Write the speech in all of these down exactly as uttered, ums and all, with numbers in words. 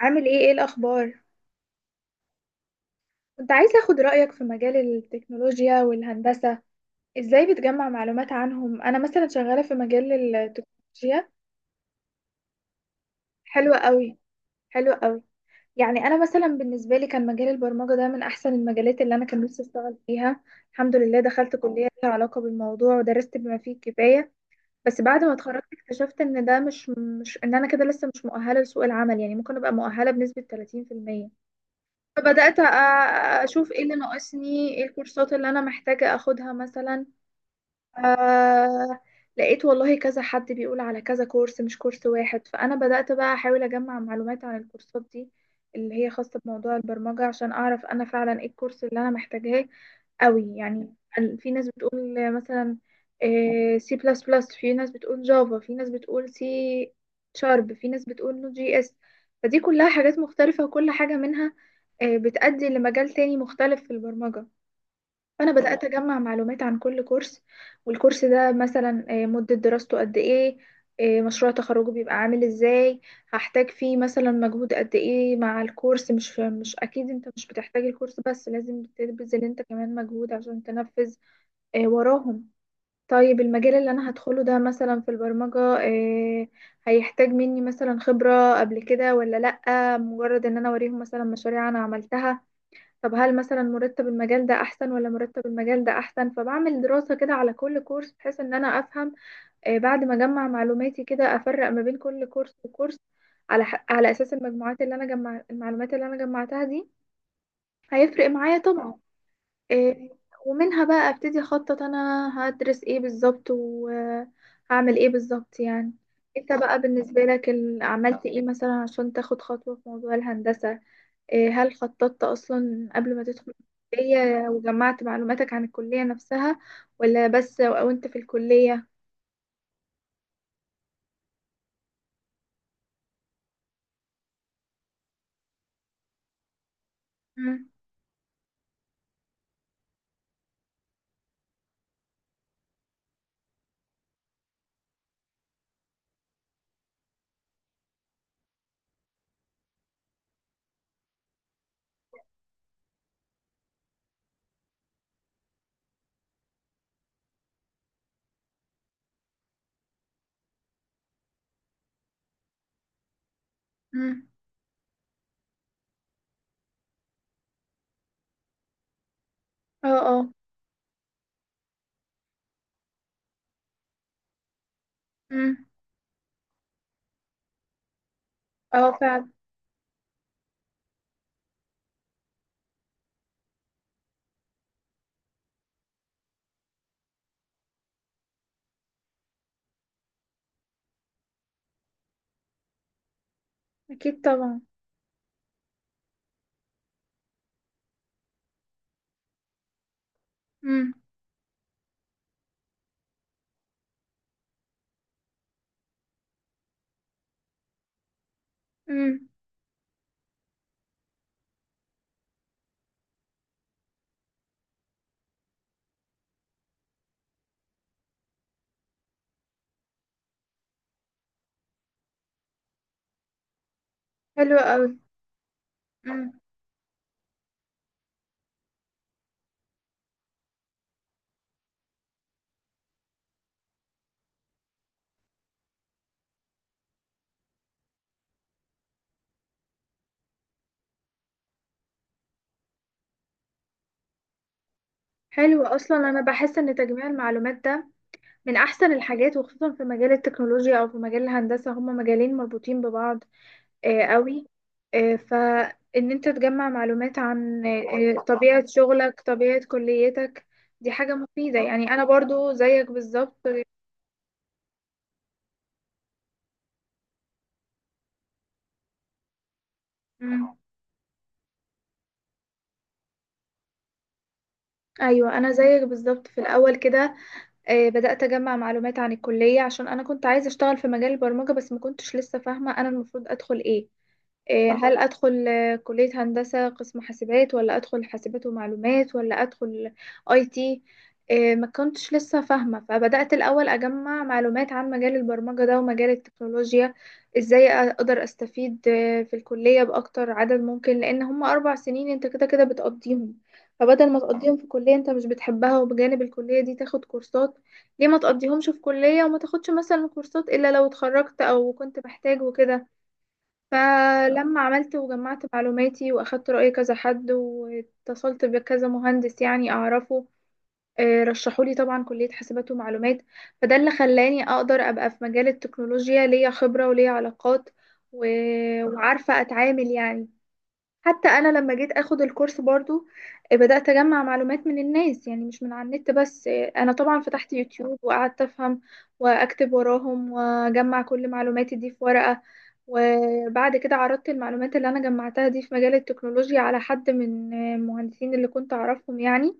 عامل ايه ايه الاخبار؟ كنت عايزه اخد رايك في مجال التكنولوجيا والهندسه، ازاي بتجمع معلومات عنهم؟ انا مثلا شغاله في مجال التكنولوجيا. حلوه قوي. حلوه قوي. يعني انا مثلا بالنسبه لي كان مجال البرمجه ده من احسن المجالات اللي انا كان نفسي اشتغل فيها. الحمد لله دخلت كليه ليها علاقه بالموضوع ودرست بما فيه الكفايه. بس بعد ما اتخرجت اكتشفت ان ده مش مش ان انا كده لسه مش مؤهله لسوق العمل، يعني ممكن ابقى مؤهله بنسبه ثلاثين في المية. فبدأت أ- أشوف ايه اللي ناقصني، ايه الكورسات اللي أنا محتاجة أخدها مثلا. آه، لقيت والله كذا حد بيقول على كذا كورس مش كورس واحد، فأنا بدأت بقى أحاول أجمع معلومات عن الكورسات دي اللي هي خاصة بموضوع البرمجة، عشان أعرف أنا فعلا إيه الكورس اللي أنا محتاجاه قوي. يعني ال- في ناس بتقول مثلا سي بلس بلس، في ناس بتقول جافا، في ناس بتقول سي شارب، في ناس بتقول نوت جي اس. فدي كلها حاجات مختلفة، وكل حاجة منها آه، بتأدي لمجال تاني مختلف في البرمجة. فأنا بدأت أجمع معلومات عن كل كورس، والكورس ده مثلا آه، مدة دراسته قد إيه، آه، مشروع تخرجه بيبقى عامل إزاي، هحتاج فيه مثلا مجهود قد إيه. مع الكورس مش مش أكيد أنت مش بتحتاج الكورس بس، لازم تبذل أنت كمان مجهود عشان تنفذ آه، وراهم. طيب المجال اللي أنا هدخله ده مثلا في البرمجة، آه، هيحتاج مني مثلا خبرة قبل كده ولا لأ؟ مجرد إن أنا أوريهم مثلا مشاريع أنا عملتها. طب هل مثلا مرتب المجال ده احسن ولا مرتب المجال ده احسن؟ فبعمل دراسة كده على كل كورس بحيث ان انا افهم. آه، بعد ما اجمع معلوماتي كده افرق ما بين كل كورس وكورس، على ح- على اساس المجموعات اللي انا جمع المعلومات اللي انا جمعتها دي. هيفرق معايا طبعا. آه، ومنها بقى ابتدي اخطط انا هدرس ايه بالظبط وهعمل ايه بالظبط يعني. انت بقى بالنسبة لك ال- عملت ايه مثلا عشان تاخد خطوة في موضوع الهندسة؟ إيه، هل خططت أصلا قبل ما تدخل الكلية، وجمعت معلوماتك عن الكلية نفسها، ولا بس وأنت في الكلية؟ مم. مم. اه اه. مم. اه فعلا. أكيد طبعا. مم. مم. حلو أوي. مم. حلو. أصلا أنا بحس إن تجميع المعلومات ده من أحسن الحاجات، وخصوصا في مجال التكنولوجيا أو في مجال الهندسة، هما مجالين مربوطين ببعض آه، قوي. آه، فإن أنت تجمع معلومات عن آه، طبيعة شغلك، طبيعة كليتك، دي حاجة مفيدة. يعني أنا برضو زيك بالظبط. مم. أيوة أنا زيك بالظبط. في الأول كده آه، بدأت أجمع معلومات عن الكلية، عشان أنا كنت عايزة أشتغل في مجال البرمجة، بس ما كنتش لسه فاهمة أنا المفروض أدخل إيه. آه، صح. هل أدخل آه، كلية هندسة قسم حاسبات، ولا أدخل حاسبات ومعلومات، ولا أدخل أي تي؟ آه، ما كنتش لسه فاهمة، فبدأت الأول أجمع معلومات عن مجال البرمجة ده ومجال التكنولوجيا. إزاي أقدر أستفيد آه، في الكلية بأكتر عدد ممكن، لأن هما أربع سنين أنت كده كده بتقضيهم. فبدل ما تقضيهم في كلية أنت مش بتحبها، وبجانب الكلية دي تاخد كورسات، ليه ما تقضيهمش في كلية وما تاخدش مثلا كورسات إلا لو اتخرجت أو كنت محتاج وكده؟ فلما عملت وجمعت معلوماتي وأخدت رأي كذا حد واتصلت بكذا مهندس يعني أعرفه، آه، رشحولي طبعا كلية حاسبات ومعلومات. فده اللي خلاني أقدر أبقى في مجال التكنولوجيا، ليا خبرة وليا علاقات، و- وعارفة أتعامل يعني. حتى انا لما جيت اخد الكورس برضو، آه، بدأت اجمع معلومات من الناس، يعني مش من على النت بس. آه، انا طبعا فتحت يوتيوب وقعدت افهم واكتب وراهم، واجمع كل معلوماتي دي في ورقة. وبعد كده عرضت المعلومات اللي انا جمعتها دي في مجال التكنولوجيا على حد من آه، المهندسين اللي كنت اعرفهم يعني.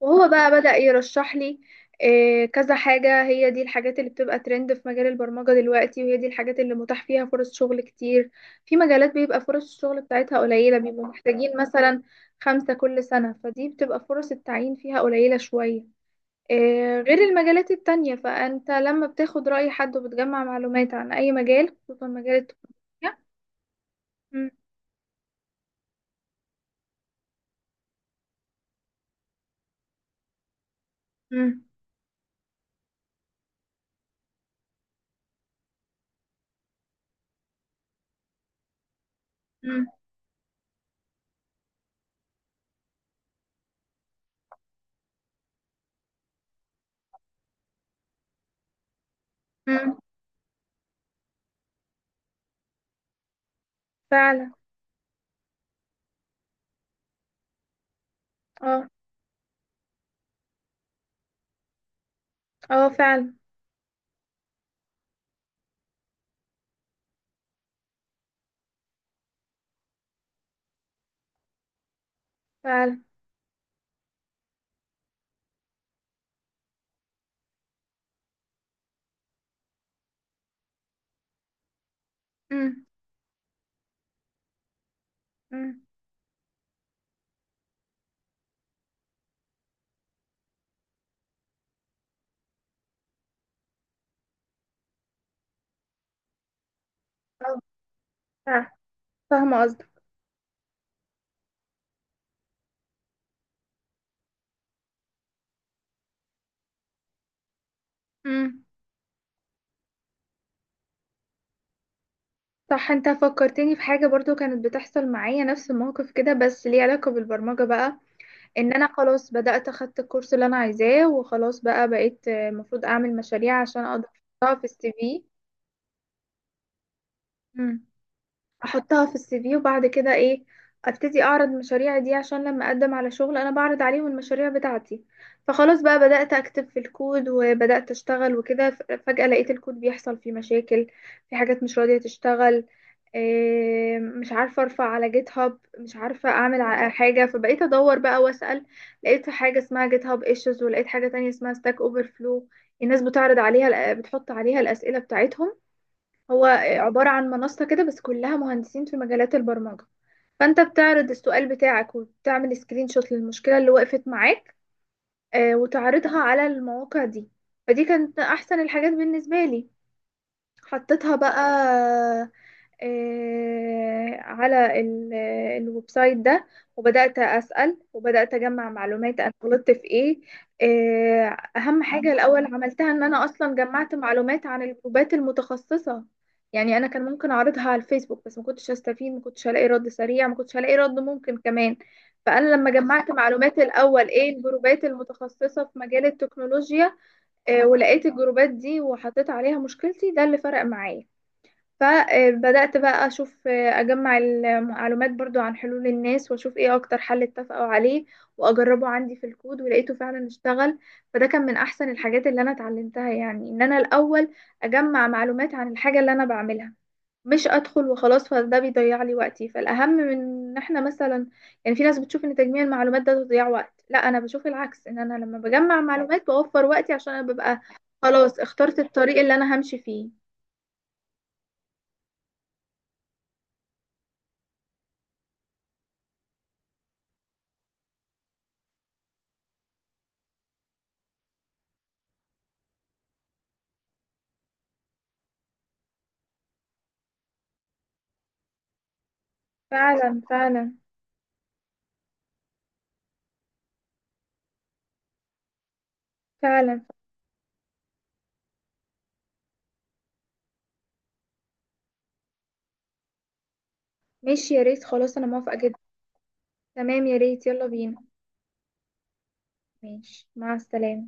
وهو بقى بدأ يرشح لي آه، كذا حاجة. هي دي الحاجات اللي بتبقى ترند في مجال البرمجة دلوقتي، وهي دي الحاجات اللي متاح فيها فرص شغل كتير. في مجالات بيبقى فرص الشغل بتاعتها قليلة، بيبقوا محتاجين مثلا خمسة كل سنة، فدي بتبقى فرص التعيين فيها قليلة شوية، آه، غير المجالات التانية. فأنت لما بتاخد رأي حد وبتجمع معلومات عن أي مجال، خصوصا مجال التكنولوجيا. مم. مم. مم. مم. فعلا. اه اه. فعلا فعلا. مم. مم. آه. فعلا. فاهمة قصدك. امم. صح، انت فكرتني في حاجة برضو كانت بتحصل معايا نفس الموقف كده، بس ليه علاقة بالبرمجة بقى. ان انا خلاص بدأت اخدت الكورس اللي انا عايزاه، وخلاص بقى بقيت آه، المفروض اعمل مشاريع عشان اقدر احطها في السي في. احطها في السي في، وبعد كده ايه؟ ابتدي اعرض مشاريعي دي، عشان لما اقدم على شغل انا بعرض عليهم المشاريع بتاعتي. فخلاص بقى بدأت اكتب في الكود وبدأت اشتغل وكده، ف- فجأة لقيت الكود بيحصل فيه مشاكل، في حاجات مش راضية تشتغل. إيه، مش عارفة ارفع على جيت هاب، مش عارفة اعمل ع- حاجة. فبقيت ادور بقى واسأل. لقيت حاجة اسمها جيت هاب ايشوز، ولقيت حاجة تانية اسمها ستاك اوفر فلو. الناس بتعرض عليها بتحط عليها الأسئلة بتاعتهم. هو عبارة عن منصة كده بس كلها مهندسين في مجالات البرمجة. فأنت بتعرض السؤال بتاعك، وبتعمل سكرين شوت للمشكلة اللي وقفت معاك آه، وتعرضها على المواقع دي. فدي كانت أحسن الحاجات بالنسبة لي. حطيتها بقى آه، على ال- آه، الويب سايت ده، وبدأت أسأل وبدأت أجمع معلومات أنا غلطت في إيه. آه، أهم حاجة الأول عملتها إن أنا أصلا جمعت معلومات عن الجروبات المتخصصة. يعني أنا كان ممكن أعرضها على الفيسبوك، بس ما كنتش هستفيد، ما كنتش هلاقي رد سريع، ما كنتش هلاقي رد ممكن كمان. فأنا لما جمعت معلومات الأول إيه الجروبات المتخصصة في مجال التكنولوجيا، آه، ولقيت الجروبات دي وحطيت عليها مشكلتي، ده اللي فرق معايا. فبدأت بقى أشوف أجمع المعلومات برضو عن حلول الناس، وأشوف إيه أكتر حل اتفقوا عليه وأجربه عندي في الكود، ولقيته فعلا اشتغل. فده كان من أحسن الحاجات اللي أنا اتعلمتها، يعني إن أنا الأول أجمع معلومات عن الحاجة اللي أنا بعملها، مش أدخل وخلاص، فده بيضيع لي وقتي. فالأهم من إن إحنا مثلا، يعني في ناس بتشوف إن تجميع المعلومات ده تضيع وقت، لا أنا بشوف العكس، إن أنا لما بجمع معلومات بوفر وقتي، عشان أنا ببقى خلاص اخترت الطريق اللي أنا همشي فيه. فعلا. فعلا فعلا. ماشي، يا ريت، خلاص انا موافقة جدا. تمام، يا ريت يلا بينا. ماشي مع السلامة.